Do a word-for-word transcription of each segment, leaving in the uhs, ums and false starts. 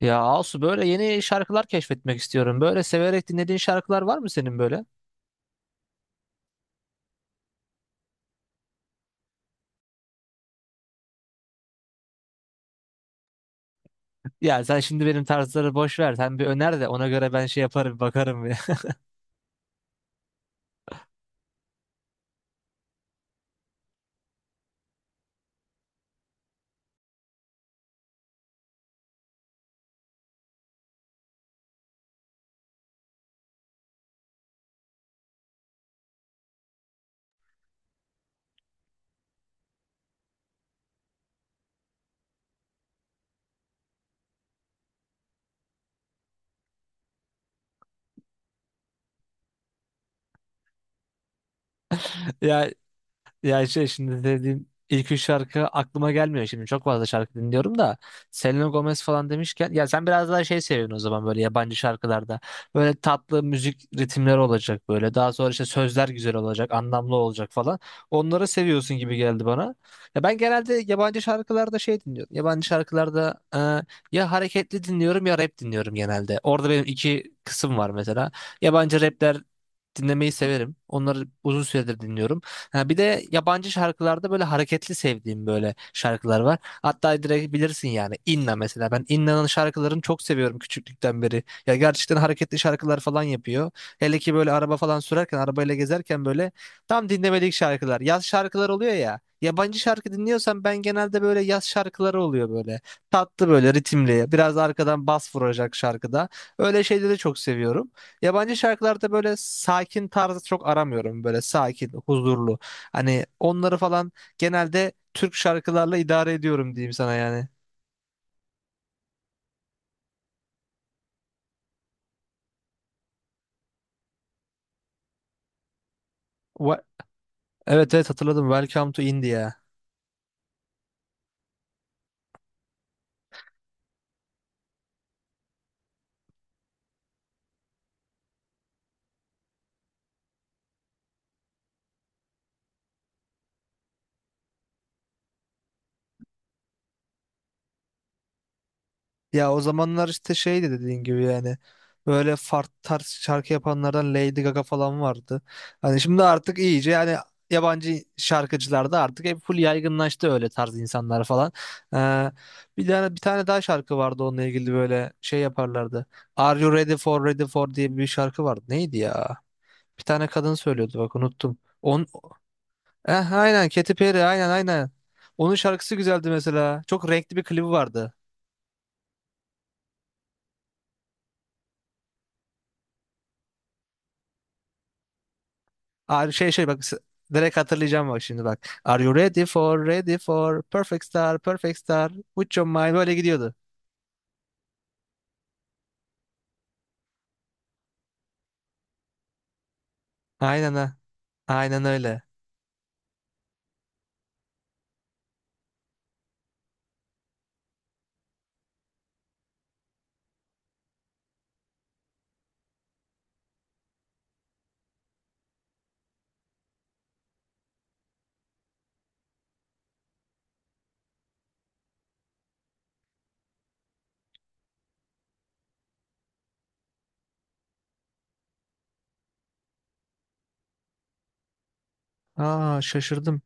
Ya Asu, böyle yeni şarkılar keşfetmek istiyorum. Böyle severek dinlediğin şarkılar var mı senin böyle? Ya sen şimdi benim tarzları boş ver. Sen bir öner de ona göre ben şey yaparım, bakarım ya. Ya Ya şey şimdi dediğim ilk üç şarkı aklıma gelmiyor şimdi. Çok fazla şarkı dinliyorum da. Selena Gomez falan demişken, ya sen biraz daha şey seviyorsun o zaman, böyle yabancı şarkılarda. Böyle tatlı müzik ritimleri olacak böyle. Daha sonra işte sözler güzel olacak, anlamlı olacak falan. Onları seviyorsun gibi geldi bana. Ya ben genelde yabancı şarkılarda şey dinliyorum. Yabancı şarkılarda e, ya hareketli dinliyorum ya rap dinliyorum genelde. Orada benim iki kısım var mesela. Yabancı rapler dinlemeyi severim. Onları uzun süredir dinliyorum. Ha, bir de yabancı şarkılarda böyle hareketli sevdiğim böyle şarkılar var. Hatta direkt bilirsin yani, Inna mesela. Ben Inna'nın şarkılarını çok seviyorum küçüklükten beri. Ya gerçekten hareketli şarkılar falan yapıyor. Hele ki böyle araba falan sürerken, arabayla gezerken böyle tam dinlemelik şarkılar. Yaz şarkılar oluyor ya. Yabancı şarkı dinliyorsam ben genelde böyle yaz şarkıları oluyor böyle. Tatlı böyle ritimli. Biraz arkadan bas vuracak şarkıda. Öyle şeyleri çok seviyorum. Yabancı şarkılarda böyle sakin tarzı çok aramıyorum. Böyle sakin, huzurlu. Hani onları falan genelde Türk şarkılarla idare ediyorum diyeyim sana yani. Wa- Evet, evet, hatırladım. Welcome to India. Ya o zamanlar işte şeydi dediğin gibi yani. Böyle farklı tarz şarkı yapanlardan Lady Gaga falan vardı. Hani şimdi artık iyice yani, yabancı şarkıcılar da artık hep full yaygınlaştı, öyle tarz insanlar falan. Ee, bir tane bir tane daha şarkı vardı onunla ilgili, böyle şey yaparlardı. Are You Ready for Ready for diye bir şarkı vardı. Neydi ya? Bir tane kadın söylüyordu, bak unuttum. On, eh, aynen Katy Perry, aynen aynen. Onun şarkısı güzeldi mesela. Çok renkli bir klibi vardı. Aa, şey şey bak s- Direkt hatırlayacağım bak, şimdi bak. Are you ready for ready for perfect star perfect star with your mind, böyle gidiyordu. Aynen ha. Aynen öyle. Aa, şaşırdım.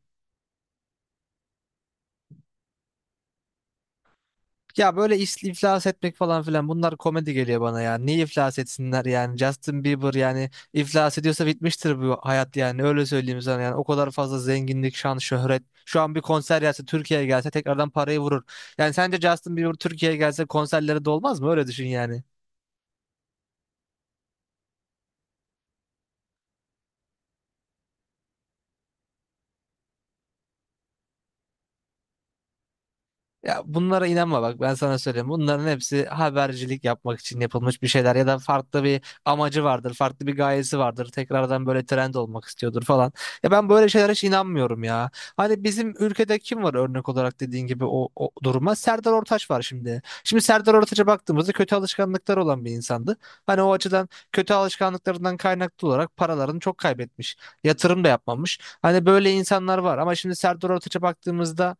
Ya böyle is- iflas etmek falan filan, bunlar komedi geliyor bana ya. Niye iflas etsinler yani? Justin Bieber yani iflas ediyorsa bitmiştir bu hayat yani. Öyle söyleyeyim sana yani. O kadar fazla zenginlik, şan, şöhret. Şu an bir konser gelse, Türkiye'ye gelse tekrardan parayı vurur. Yani sence Justin Bieber Türkiye'ye gelse konserleri dolmaz mı? Öyle düşün yani. Ya bunlara inanma, bak ben sana söyleyeyim. Bunların hepsi habercilik yapmak için yapılmış bir şeyler ya da farklı bir amacı vardır, farklı bir gayesi vardır. Tekrardan böyle trend olmak istiyordur falan. Ya ben böyle şeylere hiç inanmıyorum ya. Hani bizim ülkede kim var örnek olarak dediğin gibi o, o duruma? Serdar Ortaç var şimdi. Şimdi Serdar Ortaç'a baktığımızda kötü alışkanlıklar olan bir insandı. Hani o açıdan kötü alışkanlıklarından kaynaklı olarak paralarını çok kaybetmiş. Yatırım da yapmamış. Hani böyle insanlar var, ama şimdi Serdar Ortaç'a baktığımızda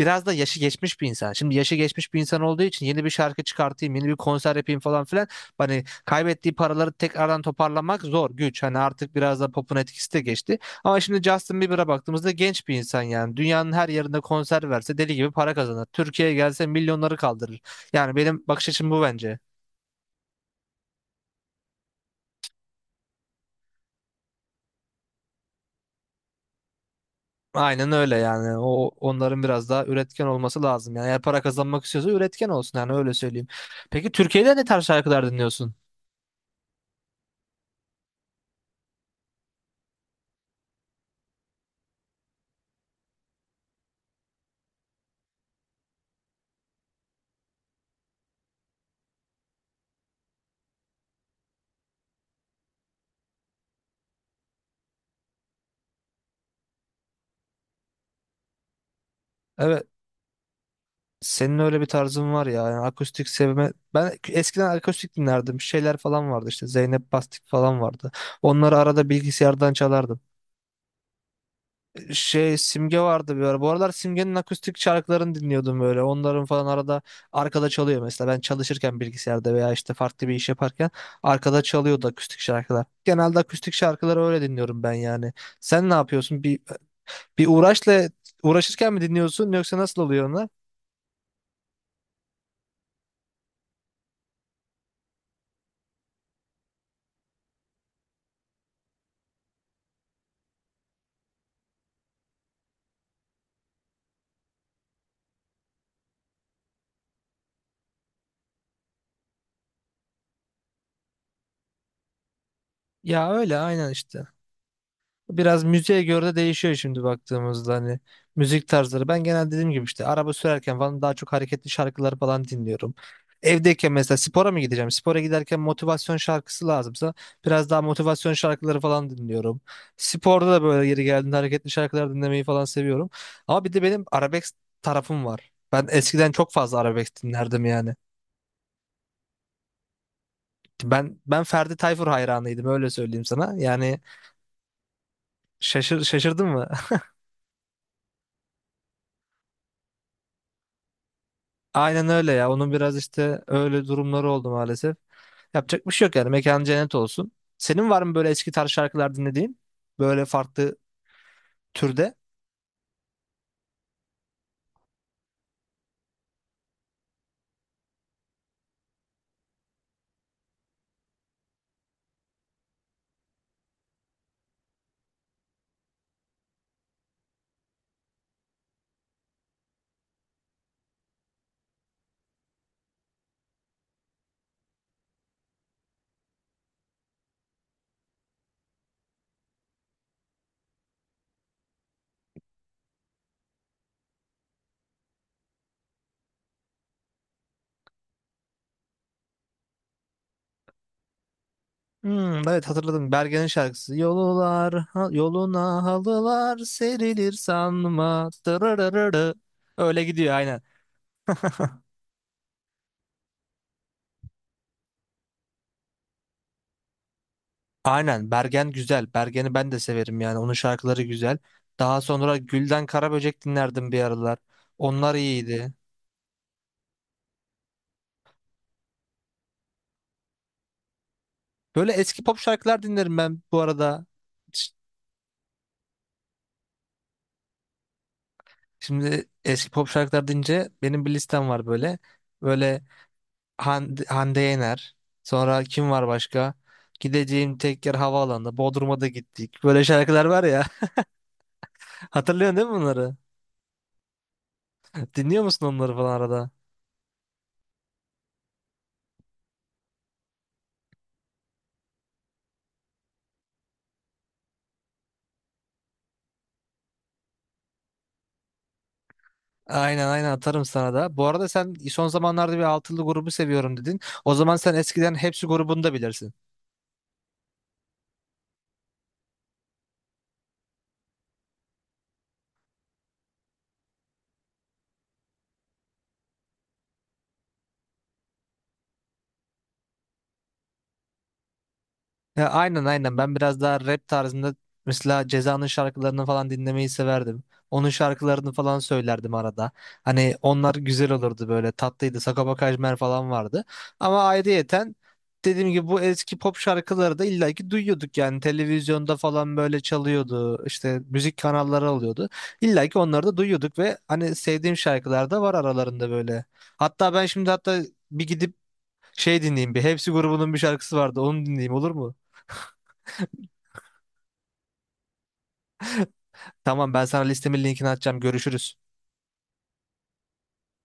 biraz da yaşı geçmiş bir insan. Şimdi yaşı geçmiş bir insan olduğu için yeni bir şarkı çıkartayım, yeni bir konser yapayım falan filan. Hani kaybettiği paraları tekrardan toparlamak zor, güç. Hani artık biraz da popun etkisi de geçti. Ama şimdi Justin Bieber'a baktığımızda genç bir insan yani. Dünyanın her yerinde konser verse deli gibi para kazanır. Türkiye'ye gelse milyonları kaldırır. Yani benim bakış açım bu, bence. Aynen öyle yani. O, onların biraz daha üretken olması lazım. Yani eğer para kazanmak istiyorsa üretken olsun, yani öyle söyleyeyim. Peki Türkiye'de ne tarz şarkılar dinliyorsun? Evet. Senin öyle bir tarzın var ya. Yani akustik sevme. Ben eskiden akustik dinlerdim. Şeyler falan vardı işte. Zeynep Bastık falan vardı. Onları arada bilgisayardan çalardım. Şey, Simge vardı bir ara. Bu aralar Simge'nin akustik şarkılarını dinliyordum böyle. Onların falan arada arkada çalıyor mesela. Ben çalışırken bilgisayarda veya işte farklı bir iş yaparken arkada çalıyordu akustik şarkılar. Genelde akustik şarkıları öyle dinliyorum ben yani. Sen ne yapıyorsun? Bir, bir uğraşla uğraşırken mi dinliyorsun yoksa nasıl oluyor onlar? Ya öyle aynen işte. Biraz müziğe göre de değişiyor şimdi baktığımızda, hani müzik tarzları. Ben genel dediğim gibi işte araba sürerken falan daha çok hareketli şarkıları falan dinliyorum. Evdeyken mesela spora mı gideceğim? Spora giderken motivasyon şarkısı lazımsa biraz daha motivasyon şarkıları falan dinliyorum. Sporda da böyle yeri geldiğinde hareketli şarkılar dinlemeyi falan seviyorum. Ama bir de benim arabesk tarafım var. Ben eskiden çok fazla arabesk dinlerdim yani. Ben ben Ferdi Tayfur hayranıydım, öyle söyleyeyim sana. Yani şaşır, şaşırdın mı? Aynen öyle ya. Onun biraz işte öyle durumları oldu maalesef. Yapacak bir şey yok yani. Mekan cennet olsun. Senin var mı böyle eski tarz şarkılar dinlediğin? Böyle farklı türde? Hmm, evet hatırladım. Bergen'in şarkısı. Yollar, ha- yoluna halılar serilir sanma. Dırırırırı. Öyle gidiyor aynen. Aynen, Bergen güzel. Bergen'i ben de severim yani. Onun şarkıları güzel. Daha sonra Gülden Karaböcek dinlerdim bir aralar. Onlar iyiydi. Böyle eski pop şarkılar dinlerim ben bu arada. Şimdi eski pop şarkılar deyince benim bir listem var böyle. Böyle Hande, Hande Yener. Sonra kim var başka? Gideceğim tek yer havaalanı. Bodrum'a da gittik. Böyle şarkılar var ya. Hatırlıyorsun değil mi bunları? Dinliyor musun onları falan arada? Aynen, aynen atarım sana da. Bu arada sen son zamanlarda bir altılı grubu seviyorum dedin. O zaman sen eskiden Hepsi grubunu da bilirsin. Ya aynen, aynen, ben biraz daha rap tarzında, mesela Ceza'nın şarkılarını falan dinlemeyi severdim. Onun şarkılarını falan söylerdim arada. Hani onlar güzel olurdu, böyle tatlıydı. Sagopa Kajmer falan vardı. Ama ayrıyeten dediğim gibi bu eski pop şarkıları da illaki duyuyorduk yani, televizyonda falan böyle çalıyordu. İşte müzik kanalları oluyordu. İllaki onları da duyuyorduk ve hani sevdiğim şarkılar da var aralarında böyle. Hatta ben şimdi hatta Bir gidip şey dinleyeyim, bir Hepsi grubunun bir şarkısı vardı, onu dinleyeyim, olur mu? Tamam, ben sana listemin linkini atacağım. Görüşürüz.